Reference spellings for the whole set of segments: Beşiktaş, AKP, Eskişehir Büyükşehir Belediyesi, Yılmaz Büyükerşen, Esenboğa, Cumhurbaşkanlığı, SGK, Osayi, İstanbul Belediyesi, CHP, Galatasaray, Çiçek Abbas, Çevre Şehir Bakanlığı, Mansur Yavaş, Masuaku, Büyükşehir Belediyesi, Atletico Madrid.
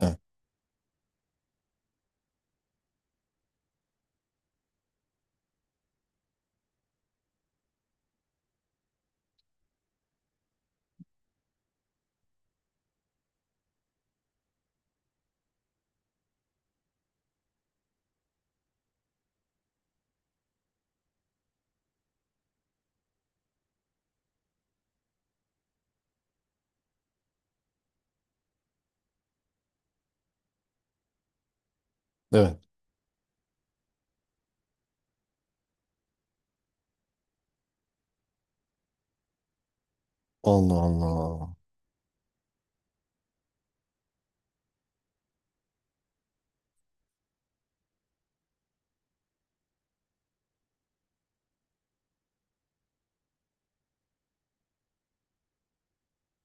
Evet, evet. Allah Allah.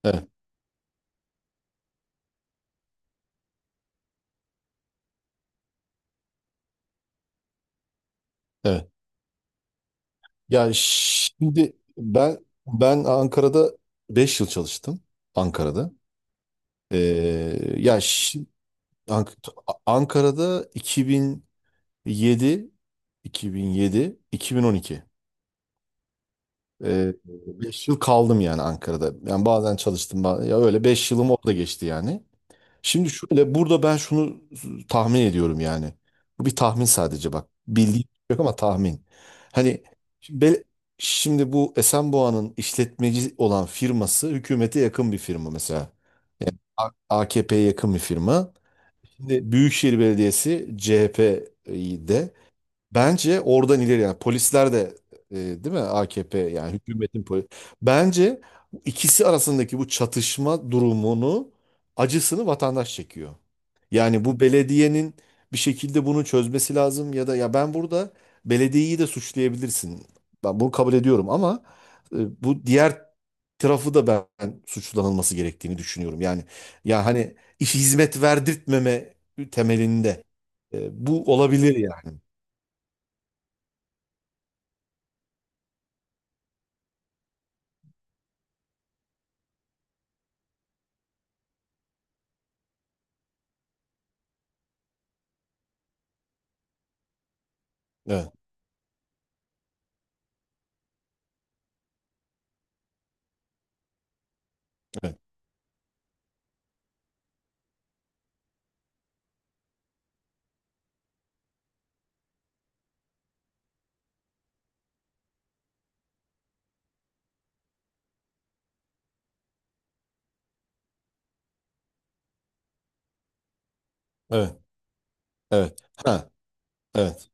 Evet, evet. Ya şimdi ben Ankara'da 5 yıl çalıştım. Ankara'da. Ee, ya şi- Ank- Ankara'da 2007 2012 5 yıl kaldım yani Ankara'da. Yani bazen çalıştım. Ya öyle 5 yılım orada geçti yani. Şimdi şöyle burada ben şunu tahmin ediyorum yani. Bu bir tahmin sadece bak. Bildiğim yok ama tahmin. Hani şimdi, bel- şimdi bu Esenboğa'nın işletmeci olan firması hükümete yakın bir firma mesela. A- AKP'ye yakın bir firma. Şimdi Büyükşehir Belediyesi CHP'de. Bence oradan ileri yani polisler de değil mi AKP yani hükümetin polis. Bence bu ikisi arasındaki bu çatışma durumunu acısını vatandaş çekiyor. Yani bu belediyenin bir şekilde bunu çözmesi lazım ya da ya ben burada belediyeyi de suçlayabilirsin. Ben bunu kabul ediyorum ama bu diğer tarafı da ben suçlanılması gerektiğini düşünüyorum. Yani ya hani iş hizmet verdirtmeme temelinde bu olabilir yani. Evet. Evet, evet. Evet. Ha, evet.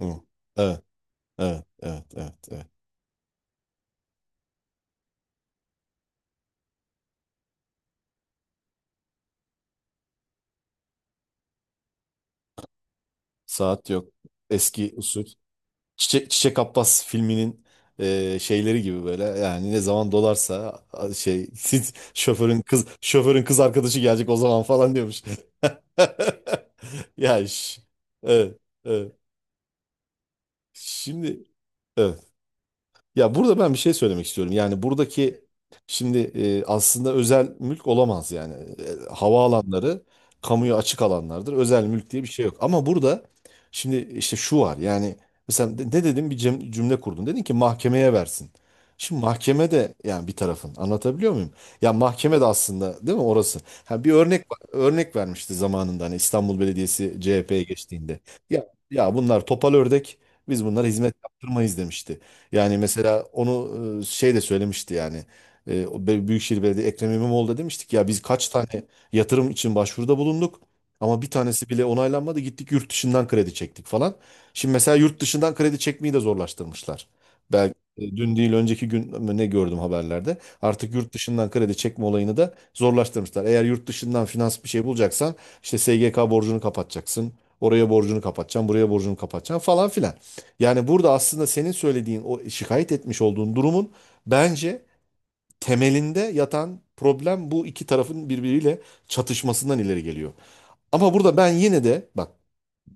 Hı. Evet, evet, evet, evet, evet. Saat yok. Eski usul. Çiçek Abbas filminin şeyleri gibi böyle. Yani ne zaman dolarsa şey şoförün kız arkadaşı gelecek o zaman falan diyormuş. Ya iş. Evet, evet. Şimdi evet. Ya burada ben bir şey söylemek istiyorum. Yani buradaki şimdi aslında özel mülk olamaz yani. Havaalanları kamuya açık alanlardır. Özel mülk diye bir şey yok. Ama burada şimdi işte şu var. Yani mesela ne dedim bir cümle kurdun. Dedin ki mahkemeye versin. Şimdi mahkeme de yani bir tarafın anlatabiliyor muyum? Ya mahkeme de aslında değil mi orası? Ha, bir örnek vermişti zamanında hani İstanbul Belediyesi CHP'ye geçtiğinde. Ya bunlar topal ördek biz bunlara hizmet yaptırmayız demişti. Yani mesela onu şey de söylemişti yani. O Büyükşehir Belediye Ekrem İmamoğlu da demiştik ya biz kaç tane yatırım için başvuruda bulunduk ama bir tanesi bile onaylanmadı. Gittik yurt dışından kredi çektik falan. Şimdi mesela yurt dışından kredi çekmeyi de zorlaştırmışlar. Ben dün değil önceki gün mü ne gördüm haberlerde. Artık yurt dışından kredi çekme olayını da zorlaştırmışlar. Eğer yurt dışından finans bir şey bulacaksan işte SGK borcunu kapatacaksın. Oraya borcunu kapatacaksın, buraya borcunu kapatacaksın falan filan. Yani burada aslında senin söylediğin o şikayet etmiş olduğun durumun bence temelinde yatan problem bu iki tarafın birbiriyle çatışmasından ileri geliyor. Ama burada ben yine de bak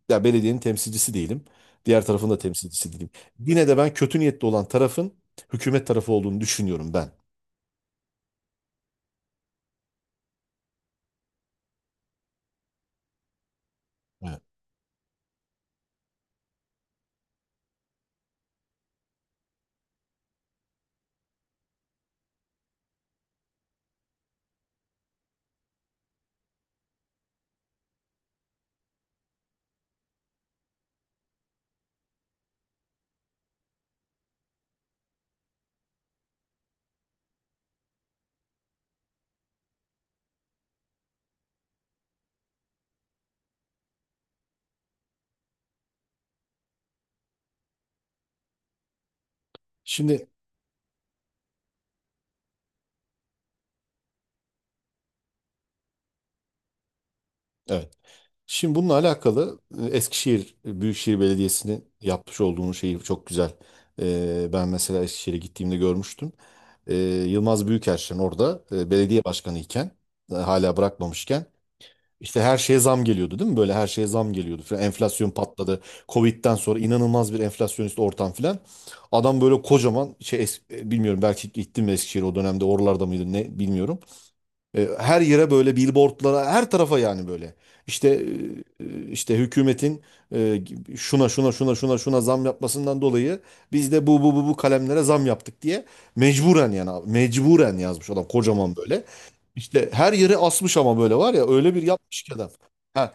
ya belediyenin temsilcisi değilim. Diğer tarafın da temsilcisi değilim. Yine de ben kötü niyetli olan tarafın hükümet tarafı olduğunu düşünüyorum ben. Evet. Şimdi evet. Şimdi bununla alakalı Eskişehir Büyükşehir Belediyesi'nin yapmış olduğunu şeyi çok güzel. Ben mesela Eskişehir'e gittiğimde görmüştüm. e, Yılmaz Büyükerşen orada belediye başkanı iken hala bırakmamışken işte her şeye zam geliyordu değil mi? Böyle her şeye zam geliyordu. Falan. Enflasyon patladı. Covid'den sonra inanılmaz bir enflasyonist ortam filan. Adam böyle kocaman şey bilmiyorum belki gittim mi Eskişehir o dönemde oralarda mıydı ne bilmiyorum. Her yere böyle billboardlara, her tarafa yani böyle. İşte hükümetin e, şuna şuna şuna şuna şuna zam yapmasından dolayı biz de bu kalemlere zam yaptık diye mecburen yani abi, mecburen yazmış adam kocaman böyle. İşte her yere asmış ama böyle var ya öyle bir yapmış ki adam. Ha,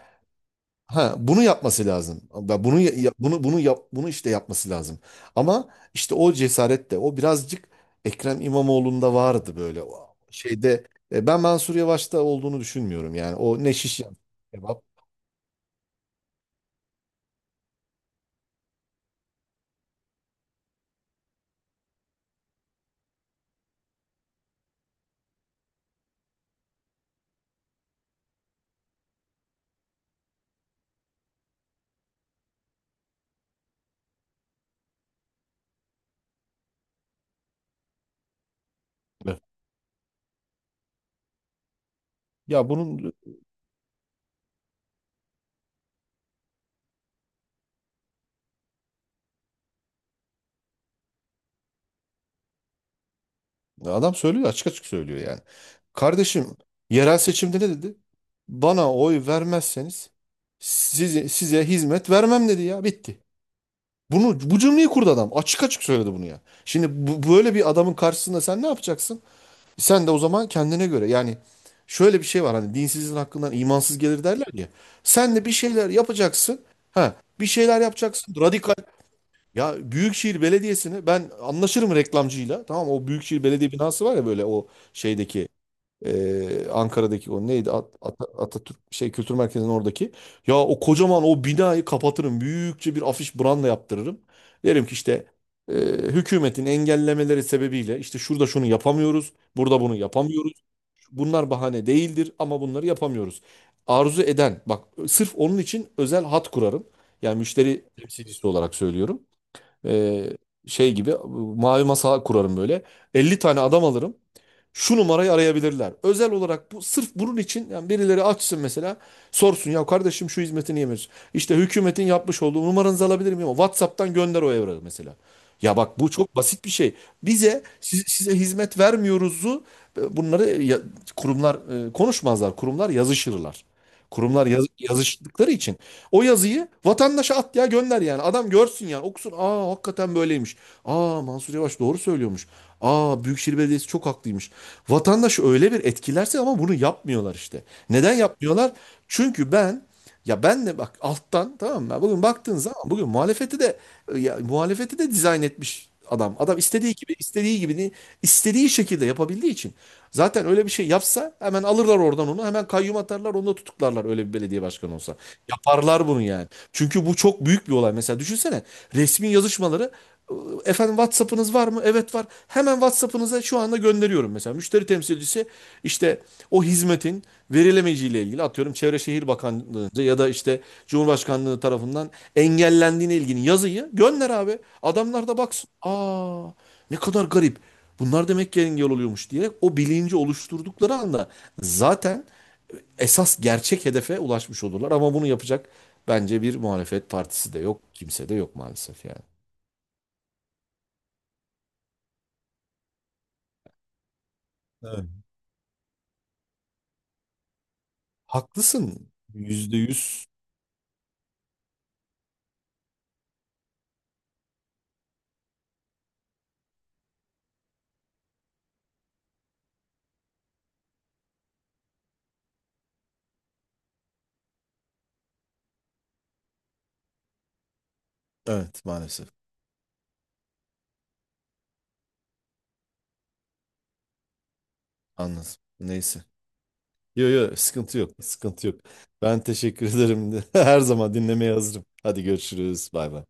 ha, bunu yapması lazım. Ve Bunu ya- ya- bunu bunu yap bunu işte yapması lazım. Ama işte o cesaret de o birazcık Ekrem İmamoğlu'nda vardı böyle o şeyde. Ben Mansur Yavaş'ta olduğunu düşünmüyorum yani. O ne şiş kebap. Ya bunun adam söylüyor açık açık söylüyor yani. Kardeşim yerel seçimde ne dedi? Bana oy vermezseniz size hizmet vermem dedi ya bitti. Bunu bu cümleyi kurdu adam. Açık açık söyledi bunu ya. Şimdi bu, böyle bir adamın karşısında sen ne yapacaksın? Sen de o zaman kendine göre yani şöyle bir şey var hani dinsizin hakkından imansız gelir derler ya. Sen de bir şeyler yapacaksın. Ha, bir şeyler yapacaksın. Radikal. Ya Büyükşehir Belediyesi'ni ben anlaşırım reklamcıyla. Tamam o Büyükşehir Belediye binası var ya böyle o şeydeki Ankara'daki o neydi Atatürk şey Kültür Merkezi'nin oradaki. Ya o kocaman o binayı kapatırım. Büyükçe bir afiş branda yaptırırım. Derim ki işte e, hükümetin engellemeleri sebebiyle işte şurada şunu yapamıyoruz, burada bunu yapamıyoruz. Bunlar bahane değildir ama bunları yapamıyoruz. Arzu eden bak sırf onun için özel hat kurarım. Yani müşteri temsilcisi olarak söylüyorum. Ee, şey gibi mavi masa kurarım böyle. 50 tane adam alırım şu numarayı arayabilirler. Özel olarak bu sırf bunun için yani birileri açsın mesela sorsun ya kardeşim şu hizmeti niye veriyorsun? İşte hükümetin yapmış olduğu numaranızı alabilir miyim? WhatsApp'tan gönder o evrağı mesela. Ya bak bu çok basit bir şey. Bize size hizmet vermiyoruzu. Bunları kurumlar konuşmazlar, kurumlar yazışırlar. Kurumlar yazıştıkları için o yazıyı vatandaşa at ya gönder yani. Adam görsün yani okusun. Aa hakikaten böyleymiş. Aa Mansur Yavaş doğru söylüyormuş. Aa Büyükşehir Belediyesi çok haklıymış. Vatandaşı öyle bir etkilerse ama bunu yapmıyorlar işte. Neden yapmıyorlar? Çünkü ben de bak alttan tamam mı? Bugün baktığın zaman bugün muhalefeti de dizayn etmiş adam. Adam istediği gibi istediği şekilde yapabildiği için zaten öyle bir şey yapsa hemen alırlar oradan onu hemen kayyum atarlar onu da tutuklarlar öyle bir belediye başkanı olsa. Yaparlar bunu yani. Çünkü bu çok büyük bir olay. Mesela düşünsene resmi yazışmaları. Efendim WhatsApp'ınız var mı? Evet var. Hemen WhatsApp'ınıza şu anda gönderiyorum mesela. Müşteri temsilcisi işte o hizmetin verilemeyeceğiyle ilgili atıyorum Çevre Şehir Bakanlığı'nca ya da işte Cumhurbaşkanlığı tarafından engellendiğine ilgili yazıyı gönder abi. Adamlar da baksın. Aa ne kadar garip. Bunlar demek ki engel oluyormuş diyerek o bilinci oluşturdukları anda zaten esas gerçek hedefe ulaşmış olurlar. Ama bunu yapacak bence bir muhalefet partisi de yok. Kimse de yok maalesef yani. Evet. Haklısın. %100. Evet maalesef. Anladım. Neyse. Yo, yo, sıkıntı yok. Sıkıntı yok. Ben teşekkür ederim. Her zaman dinlemeye hazırım. Hadi görüşürüz. Bay bay.